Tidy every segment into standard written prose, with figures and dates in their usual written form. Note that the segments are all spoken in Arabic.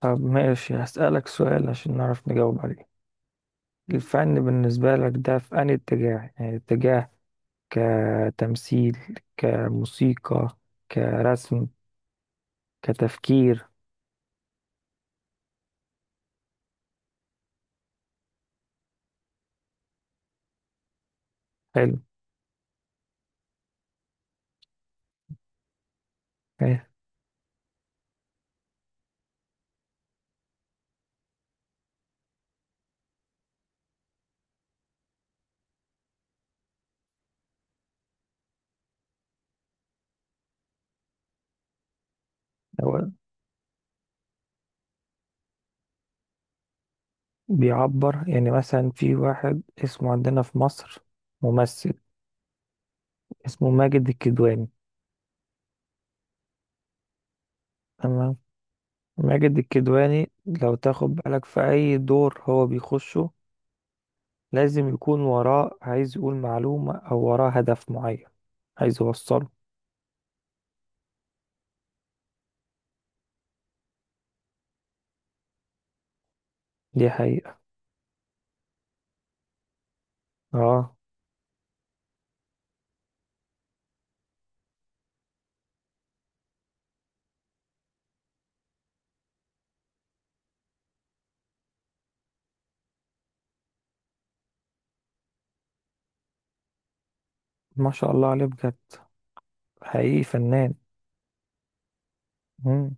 طب ماشي، هسألك سؤال عشان نعرف نجاوب عليه. الفن بالنسبة لك ده في أنهي اتجاه؟ يعني اتجاه كتمثيل، كموسيقى، كرسم، كتفكير؟ حلو. إيه، هو بيعبر، يعني مثلا في واحد اسمه عندنا في مصر، ممثل اسمه ماجد الكدواني. تمام. ماجد الكدواني لو تاخد بالك، في أي دور هو بيخشه لازم يكون وراه عايز يقول معلومة، أو وراه هدف معين عايز يوصله. دي حقيقة. اه، ما شاء الله عليه بجد، حقيقي فنان. مم.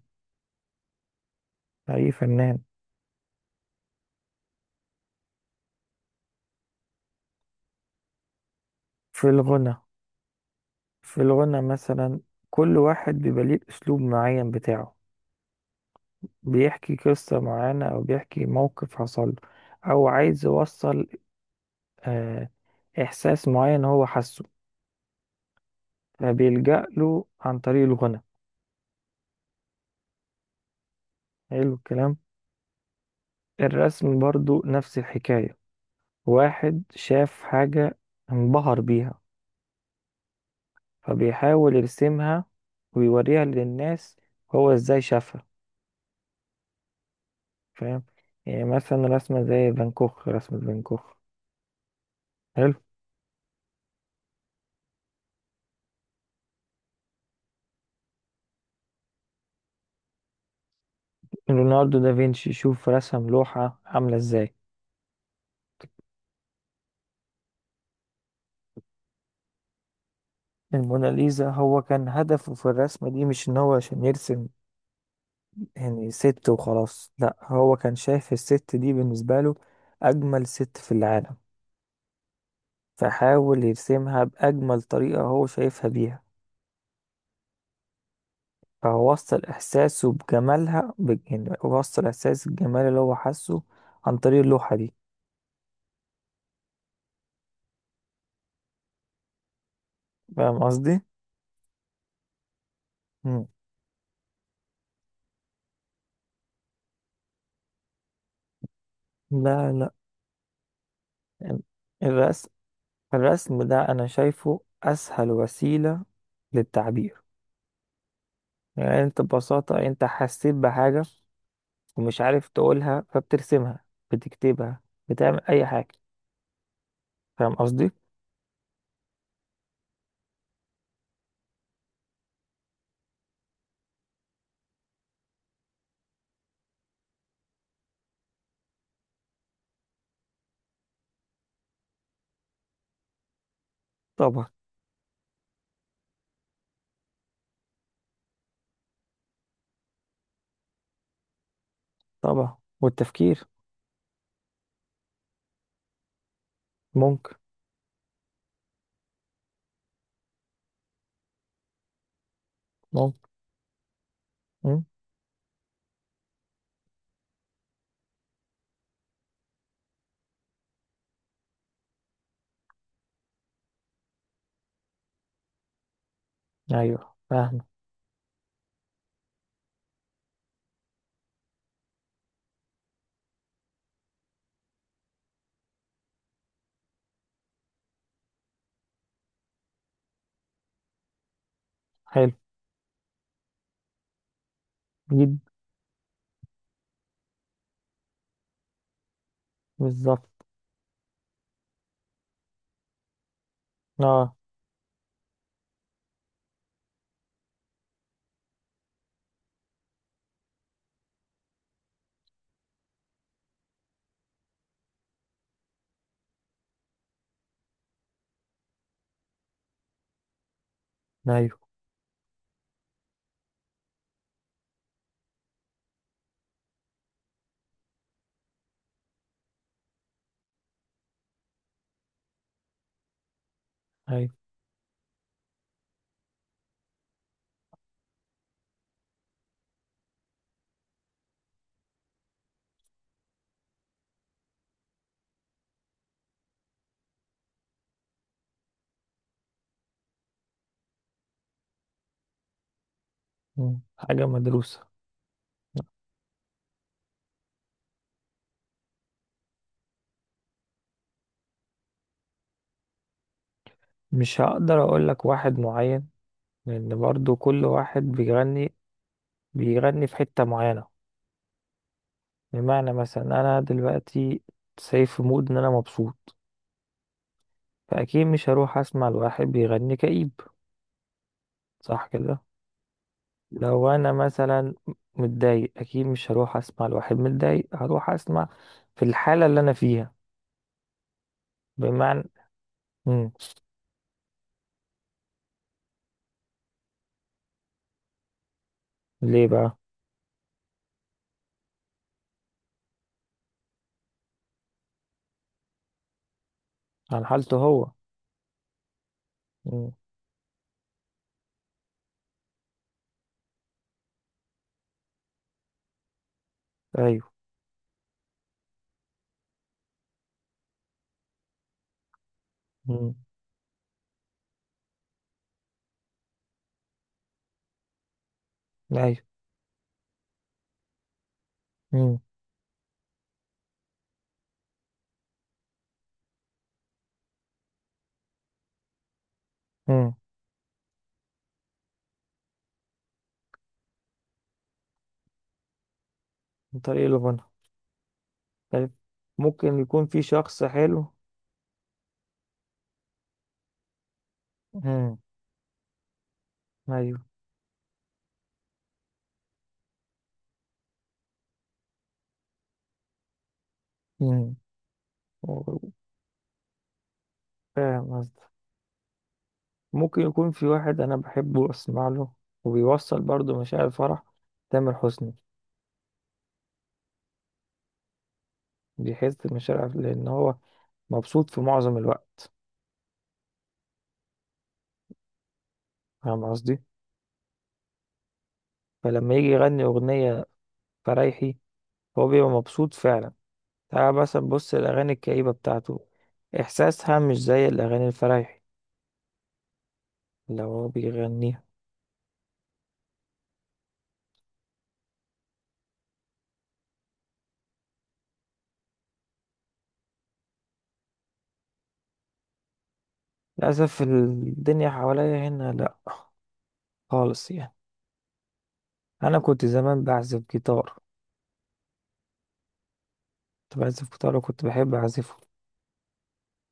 حقيقي فنان. في الغنى في الغنى مثلا كل واحد بيبقى ليه أسلوب معين بتاعه، بيحكي قصة معينة أو بيحكي موقف حصل له، أو عايز يوصل آه إحساس معين هو حاسه، فبيلجأ له عن طريق الغنى. حلو الكلام. الرسم برضو نفس الحكاية. واحد شاف حاجة، انبهر بيها، فبيحاول يرسمها ويوريها للناس هو ازاي شافها. فاهم؟ يعني مثلا رسمة زي فان كوخ، رسمة فان كوخ. حلو. ليوناردو دافنشي، شوف رسم لوحة عاملة ازاي. الموناليزا هو كان هدفه في الرسمة دي مش ان هو عشان يرسم يعني ست وخلاص، لا، هو كان شايف الست دي بالنسبة له اجمل ست في العالم، فحاول يرسمها باجمل طريقة هو شايفها بيها، فوصل إحساسه بجمالها، يعني وصل إحساس الجمال اللي هو حاسه عن طريق اللوحة دي. فاهم قصدي؟ مم. لا، لا. الرسم الرسم ده أنا شايفه أسهل وسيلة للتعبير. يعني أنت ببساطة أنت حسيت بحاجة ومش عارف تقولها، فبترسمها، بتكتبها، بتعمل أي حاجة. فاهم قصدي؟ طبعا. طبعا، والتفكير. ممكن. ممكن. مم. أيوه فاهم. حلو. جدا. بالظبط. آه. أيوه. أيوه. مم. حاجة مدروسة. مش هقدر اقول لك واحد معين، لان برضو كل واحد بيغني في حتة معينة. بمعنى مثلا انا دلوقتي سايب في مود ان انا مبسوط، فاكيد مش هروح اسمع لواحد بيغني كئيب. صح كده؟ لو انا مثلا متضايق، اكيد مش هروح اسمع لواحد متضايق، هروح اسمع في الحالة اللي انا فيها. بمعنى. مم. ليه بقى؟ عن حالته هو. مم. ايوه. مم. ايوه. مم. مم. من طريق الغنى. طيب. ممكن يكون في شخص حلو. مم. ايوه. مم. و- فاهم قصدك. ممكن يكون في واحد انا بحبه اسمع له، وبيوصل برضه مشاعر الفرح. تامر حسني. بيحس بمشاعر، لان هو مبسوط في معظم الوقت. فاهم قصدي. فلما يجي يغني أغنية فريحي هو بيبقى مبسوط فعلا. تعال مثلا بص الأغاني الكئيبة بتاعته، إحساسها مش زي الأغاني الفرايحي اللي هو بيغنيها. للأسف الدنيا حواليا هنا لأ، خالص يعني. انا كنت زمان بعزف جيتار. كنت بعزف جيتار وكنت بحب اعزفه.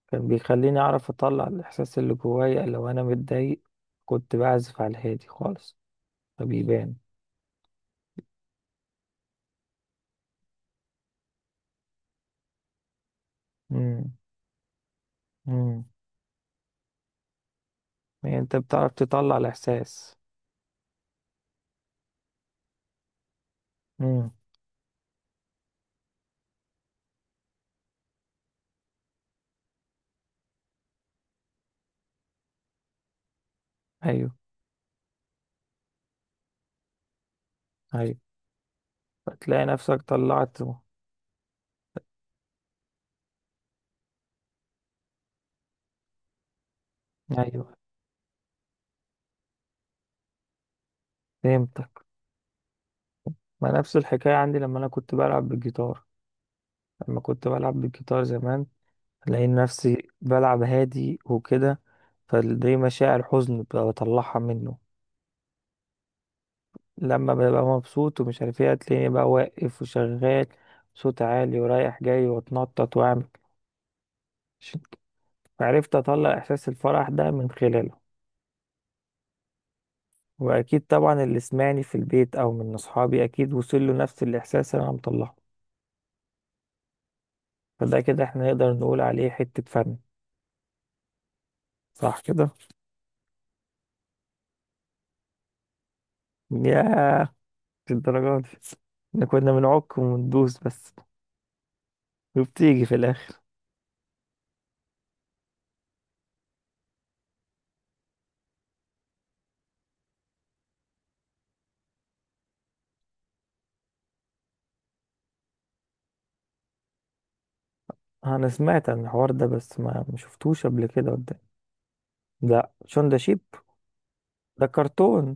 كان بيخليني اعرف اطلع الاحساس اللي جوايا، لو انا متضايق كنت بعزف على الهادي خالص فبيبان. امم. امم. يعني انت بتعرف تطلع الاحساس. امم. ايوه. ايوه. فتلاقي نفسك طلعته. ايوه، فهمتك. ما نفس الحكايه عندي لما انا كنت بلعب بالجيتار. لما كنت بلعب بالجيتار زمان الاقي نفسي بلعب هادي وكده. فدي مشاعر حزن ببقى بطلعها منه. لما ببقى مبسوط ومش عارف ايه هتلاقيني بقى واقف وشغال، صوت عالي ورايح جاي، واتنطط، واعمل، عشان عرفت اطلع احساس الفرح ده من خلاله. واكيد طبعا اللي سمعني في البيت او من اصحابي اكيد وصل له نفس الاحساس اللي انا مطلعه. فده كده احنا نقدر نقول عليه حتة فن. صح كده؟ ياه. في الدرجات دي احنا كنا بنعك وندوس بس، وبتيجي في الاخر. انا سمعت عن الحوار ده، بس ما شفتوش قبل كده قدامي. لا، شون ده شيب. ده كرتون.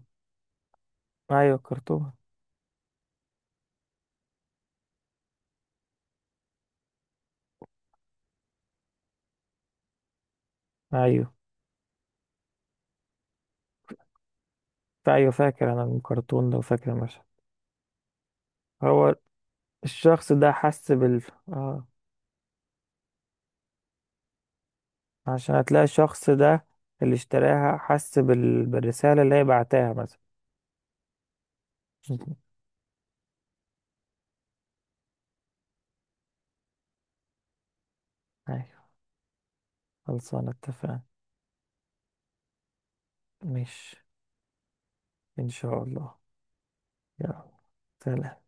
ايوه، كرتون. ايوه، ايوه فاكر انا الكرتون ده، وفاكر المشهد. هو الشخص ده حس. اه، عشان هتلاقي الشخص ده اللي اشتراها حس بالرسالة اللي هي بعتها مثلا. ايوه. خلصانة، اتفقنا. مش ان شاء الله. يلا. سلام.